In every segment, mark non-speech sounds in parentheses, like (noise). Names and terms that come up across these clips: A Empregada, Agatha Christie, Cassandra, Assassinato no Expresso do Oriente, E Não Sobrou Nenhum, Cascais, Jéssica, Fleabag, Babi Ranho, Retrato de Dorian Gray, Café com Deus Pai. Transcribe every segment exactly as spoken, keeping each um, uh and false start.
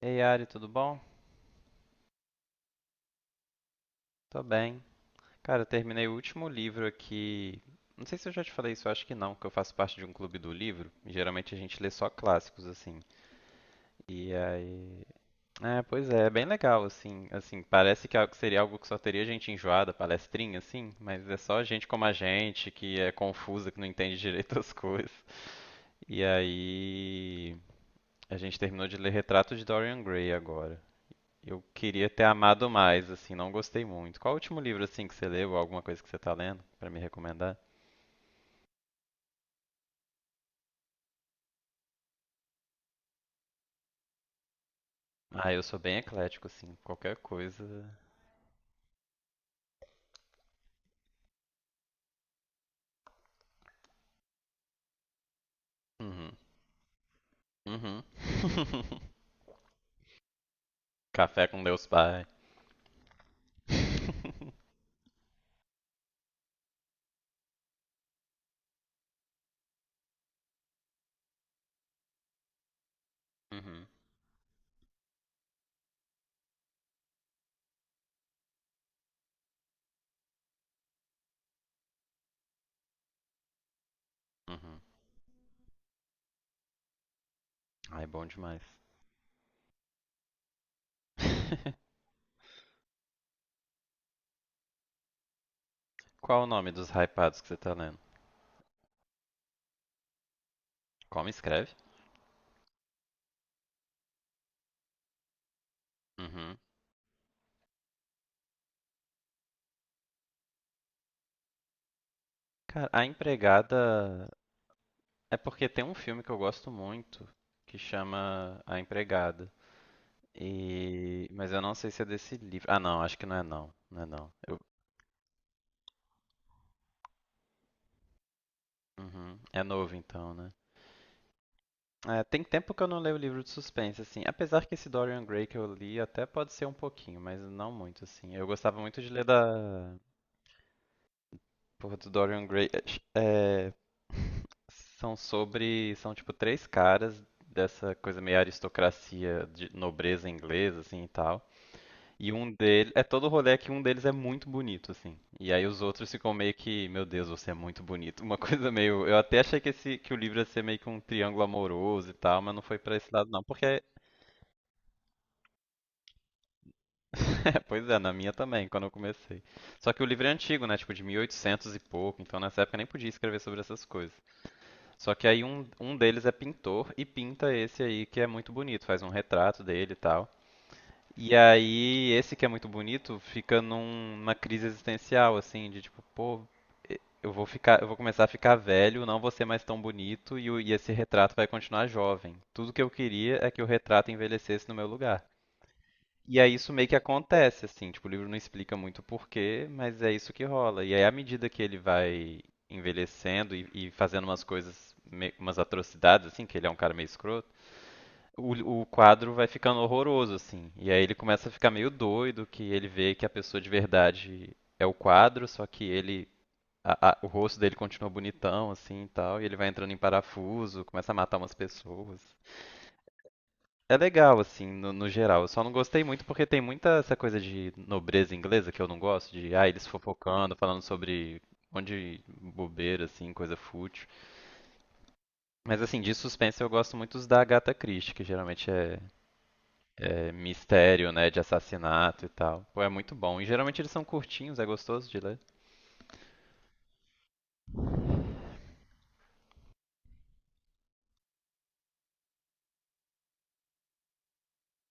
Ei, Ari, tudo bom? Tô bem. Cara, eu terminei o último livro aqui. Não sei se eu já te falei isso, eu acho que não, que eu faço parte de um clube do livro. E geralmente a gente lê só clássicos, assim. E aí. É, pois é, é bem legal, assim. Assim, parece que é algo- seria algo que só teria gente enjoada, palestrinha, assim, mas é só gente como a gente, que é confusa, que não entende direito as coisas. E aí. A gente terminou de ler Retrato de Dorian Gray agora. Eu queria ter amado mais, assim, não gostei muito. Qual o último livro, assim, que você leu, ou alguma coisa que você tá lendo, pra me recomendar? Ah, eu sou bem eclético, assim, qualquer coisa. Uhum. Uhum. (laughs) Café com Deus Pai. (laughs) Uhum. Uhum. Ai, bom demais. (laughs) Qual o nome dos hypados que você tá lendo? Como escreve? Uhum. Cara, A Empregada. É porque tem um filme que eu gosto muito que chama A Empregada. E... Mas eu não sei se é desse livro. Ah, não, acho que não é não. Não é não. Eu... Uhum. É novo então, né? É, tem tempo que eu não leio livro de suspense, assim. Apesar que esse Dorian Gray que eu li até pode ser um pouquinho, mas não muito, assim. Eu gostava muito de ler da... Porra, do Dorian Gray. É, são sobre... São, tipo, três caras dessa coisa meio aristocracia de nobreza inglesa, assim, e tal. E um deles. É todo rolê que um deles é muito bonito, assim. E aí os outros ficam meio que. Meu Deus, você é muito bonito. (laughs) Uma coisa meio. Eu até achei que, esse... que o livro ia ser meio que um triângulo amoroso e tal, mas não foi pra esse lado, não. Porque. (laughs) Pois é, na minha também, quando eu comecei. Só que o livro é antigo, né? Tipo, de mil e oitocentos e oitocentos e pouco. Então nessa época eu nem podia escrever sobre essas coisas. Só que aí um, um deles é pintor e pinta esse aí que é muito bonito. Faz um retrato dele e tal. E aí, esse que é muito bonito, fica num- numa crise existencial, assim, de tipo, pô, e- eu vou ficar, eu vou começar a ficar velho, não vou ser mais tão bonito e, o- e esse retrato vai continuar jovem. Tudo que eu queria é que o retrato envelhecesse no meu lugar. E aí isso meio que acontece, assim, tipo, o livro não explica muito o porquê, mas é isso que rola. E aí, à medida que ele vai envelhecendo e, e fazendo umas coisas, me- umas atrocidades, assim, que ele é um cara meio escroto, o, o quadro vai ficando horroroso, assim. E aí ele começa a ficar meio doido, que ele vê que a pessoa de verdade é o quadro, só que ele. a- a- o rosto dele continua bonitão, assim e tal, e ele vai entrando em parafuso, começa a matar umas pessoas. É legal, assim, no, no geral. Eu só não gostei muito porque tem muita essa coisa de nobreza inglesa que eu não gosto, de, ah, eles fofocando, falando sobre um monte de bobeira, assim, coisa fútil. Mas, assim, de suspense eu gosto muito dos da Agatha Christie, que geralmente é é, mistério, né, de assassinato e tal. Pô, é muito bom. E geralmente eles são curtinhos, é gostoso de ler.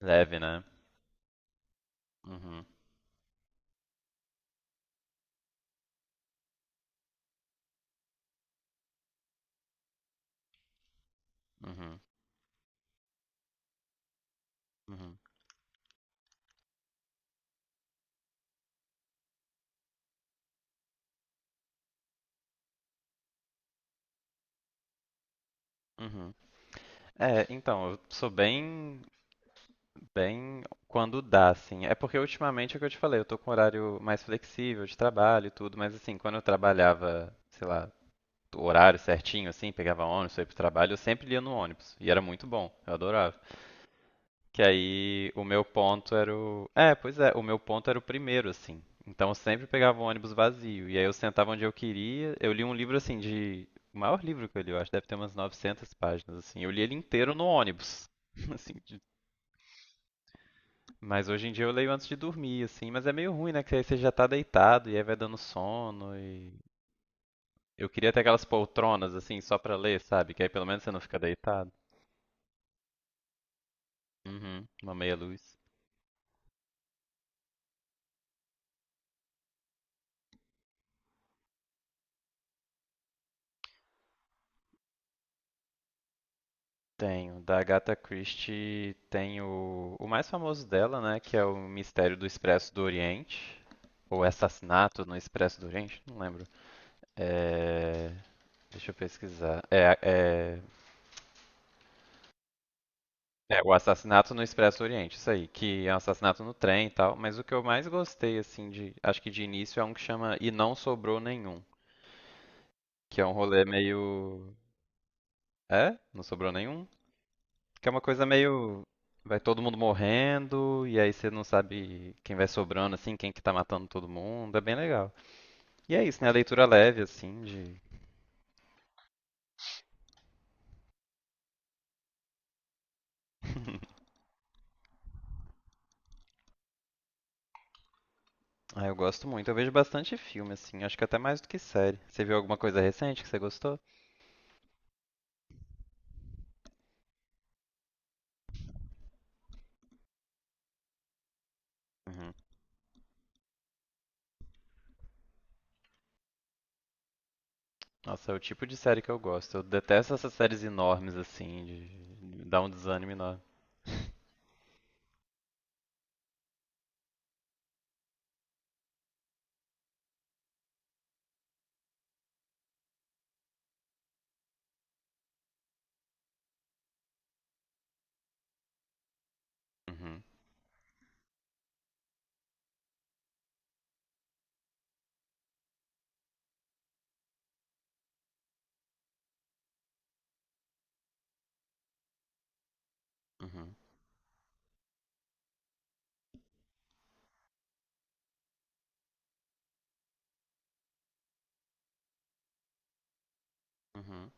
Leve, né? Uhum, uhum, uhum, uhum. É, então, eu sou bem, bem quando dá, assim. É porque ultimamente é o que eu te falei, eu tô com horário mais flexível de trabalho e tudo, mas assim, quando eu trabalhava, sei lá, o horário certinho, assim, pegava ônibus, ia pro trabalho, eu sempre lia no ônibus. E era muito bom, eu adorava. Que aí o meu ponto era o. É, pois é, o meu ponto era o primeiro, assim. Então eu sempre pegava um ônibus vazio. E aí eu sentava onde eu queria. Eu li um livro, assim, de. O maior livro que eu li, eu acho, deve ter umas novecentas páginas, assim. Eu li ele inteiro no ônibus. (laughs) Assim, de- mas hoje em dia eu leio antes de dormir, assim. Mas é meio ruim, né? Que aí você já tá deitado e aí vai dando sono. E. Eu queria ter aquelas poltronas, assim, só pra ler, sabe? Que aí pelo menos você não fica deitado. Uhum, uma meia luz. Tenho. Da Agatha Christie tem o, o mais famoso dela, né? Que é o Mistério do Expresso do Oriente. Ou Assassinato no Expresso do Oriente, não lembro. É, deixa eu pesquisar. É, é, é, o assassinato no Expresso do Oriente, isso aí, que é um assassinato no trem e tal. Mas o que eu mais gostei, assim, de, acho que de início é um que chama E Não Sobrou Nenhum, que é um rolê meio. É? Não sobrou nenhum? Que é uma coisa meio. Vai todo mundo morrendo, e aí você não sabe quem vai sobrando, assim, quem que tá matando todo mundo. É bem legal. E é isso, né? A leitura leve, assim, de. Ah, eu gosto muito. Eu vejo bastante filme, assim. Acho que até mais do que série. Você viu alguma coisa recente que você gostou? Uhum. Nossa, é o tipo de série que eu gosto. Eu detesto essas séries enormes, assim, de. Dá um desânimo enorme. Uhum. Uhum. Uhum.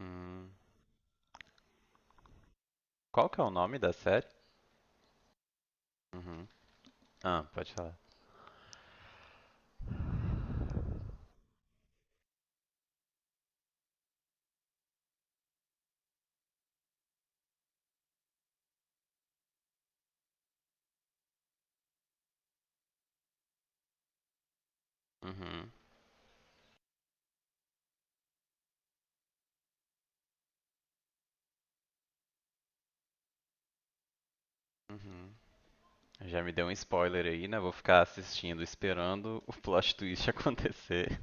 Hum. Qual que é o nome da série? Uhum. Ah, pode falar. Uhum. Uhum. Já me deu um spoiler aí, né? Vou ficar assistindo, esperando o plot twist (laughs) acontecer.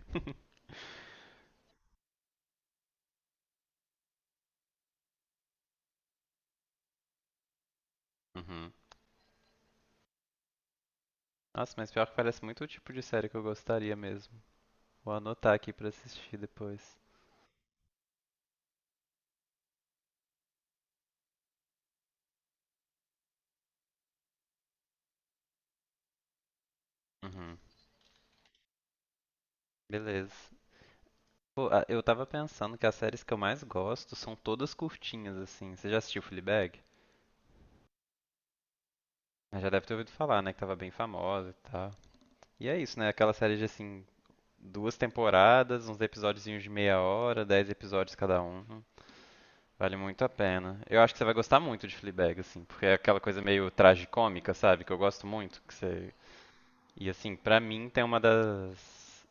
Uhum. Nossa, mas pior que parece muito o tipo de série que eu gostaria mesmo. Vou anotar aqui pra assistir depois. Uhum. Beleza. Pô, ah, eu tava pensando que as séries que eu mais gosto são todas curtinhas, assim. Você já assistiu Fleabag? Ah, já deve ter ouvido falar, né? Que tava bem famosa e tal. E é isso, né? Aquela série de, assim, duas temporadas, uns episódiozinhos de meia hora, dez episódios cada um. Vale muito a pena. Eu acho que você vai gostar muito de Fleabag, assim, porque é aquela coisa meio tragicômica, sabe? Que eu gosto muito, que você... E assim, pra mim tem uma das...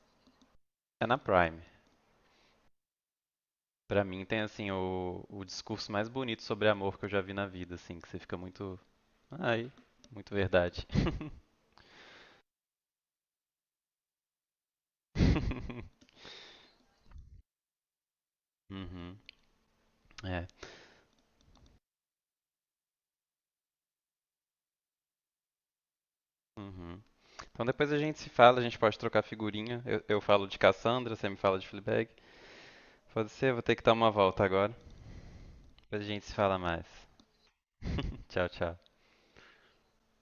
É na Prime. Pra mim tem, assim, o, o discurso mais bonito sobre amor que eu já vi na vida, assim, que você fica muito... Ai, muito verdade. (laughs) Uhum, é. Uhum. Então depois a gente se fala, a gente pode trocar figurinha. Eu, eu falo de Cassandra, você me fala de Fleabag. Pode ser, eu vou ter que dar uma volta agora. Depois a gente se fala mais. (laughs) Tchau, tchau.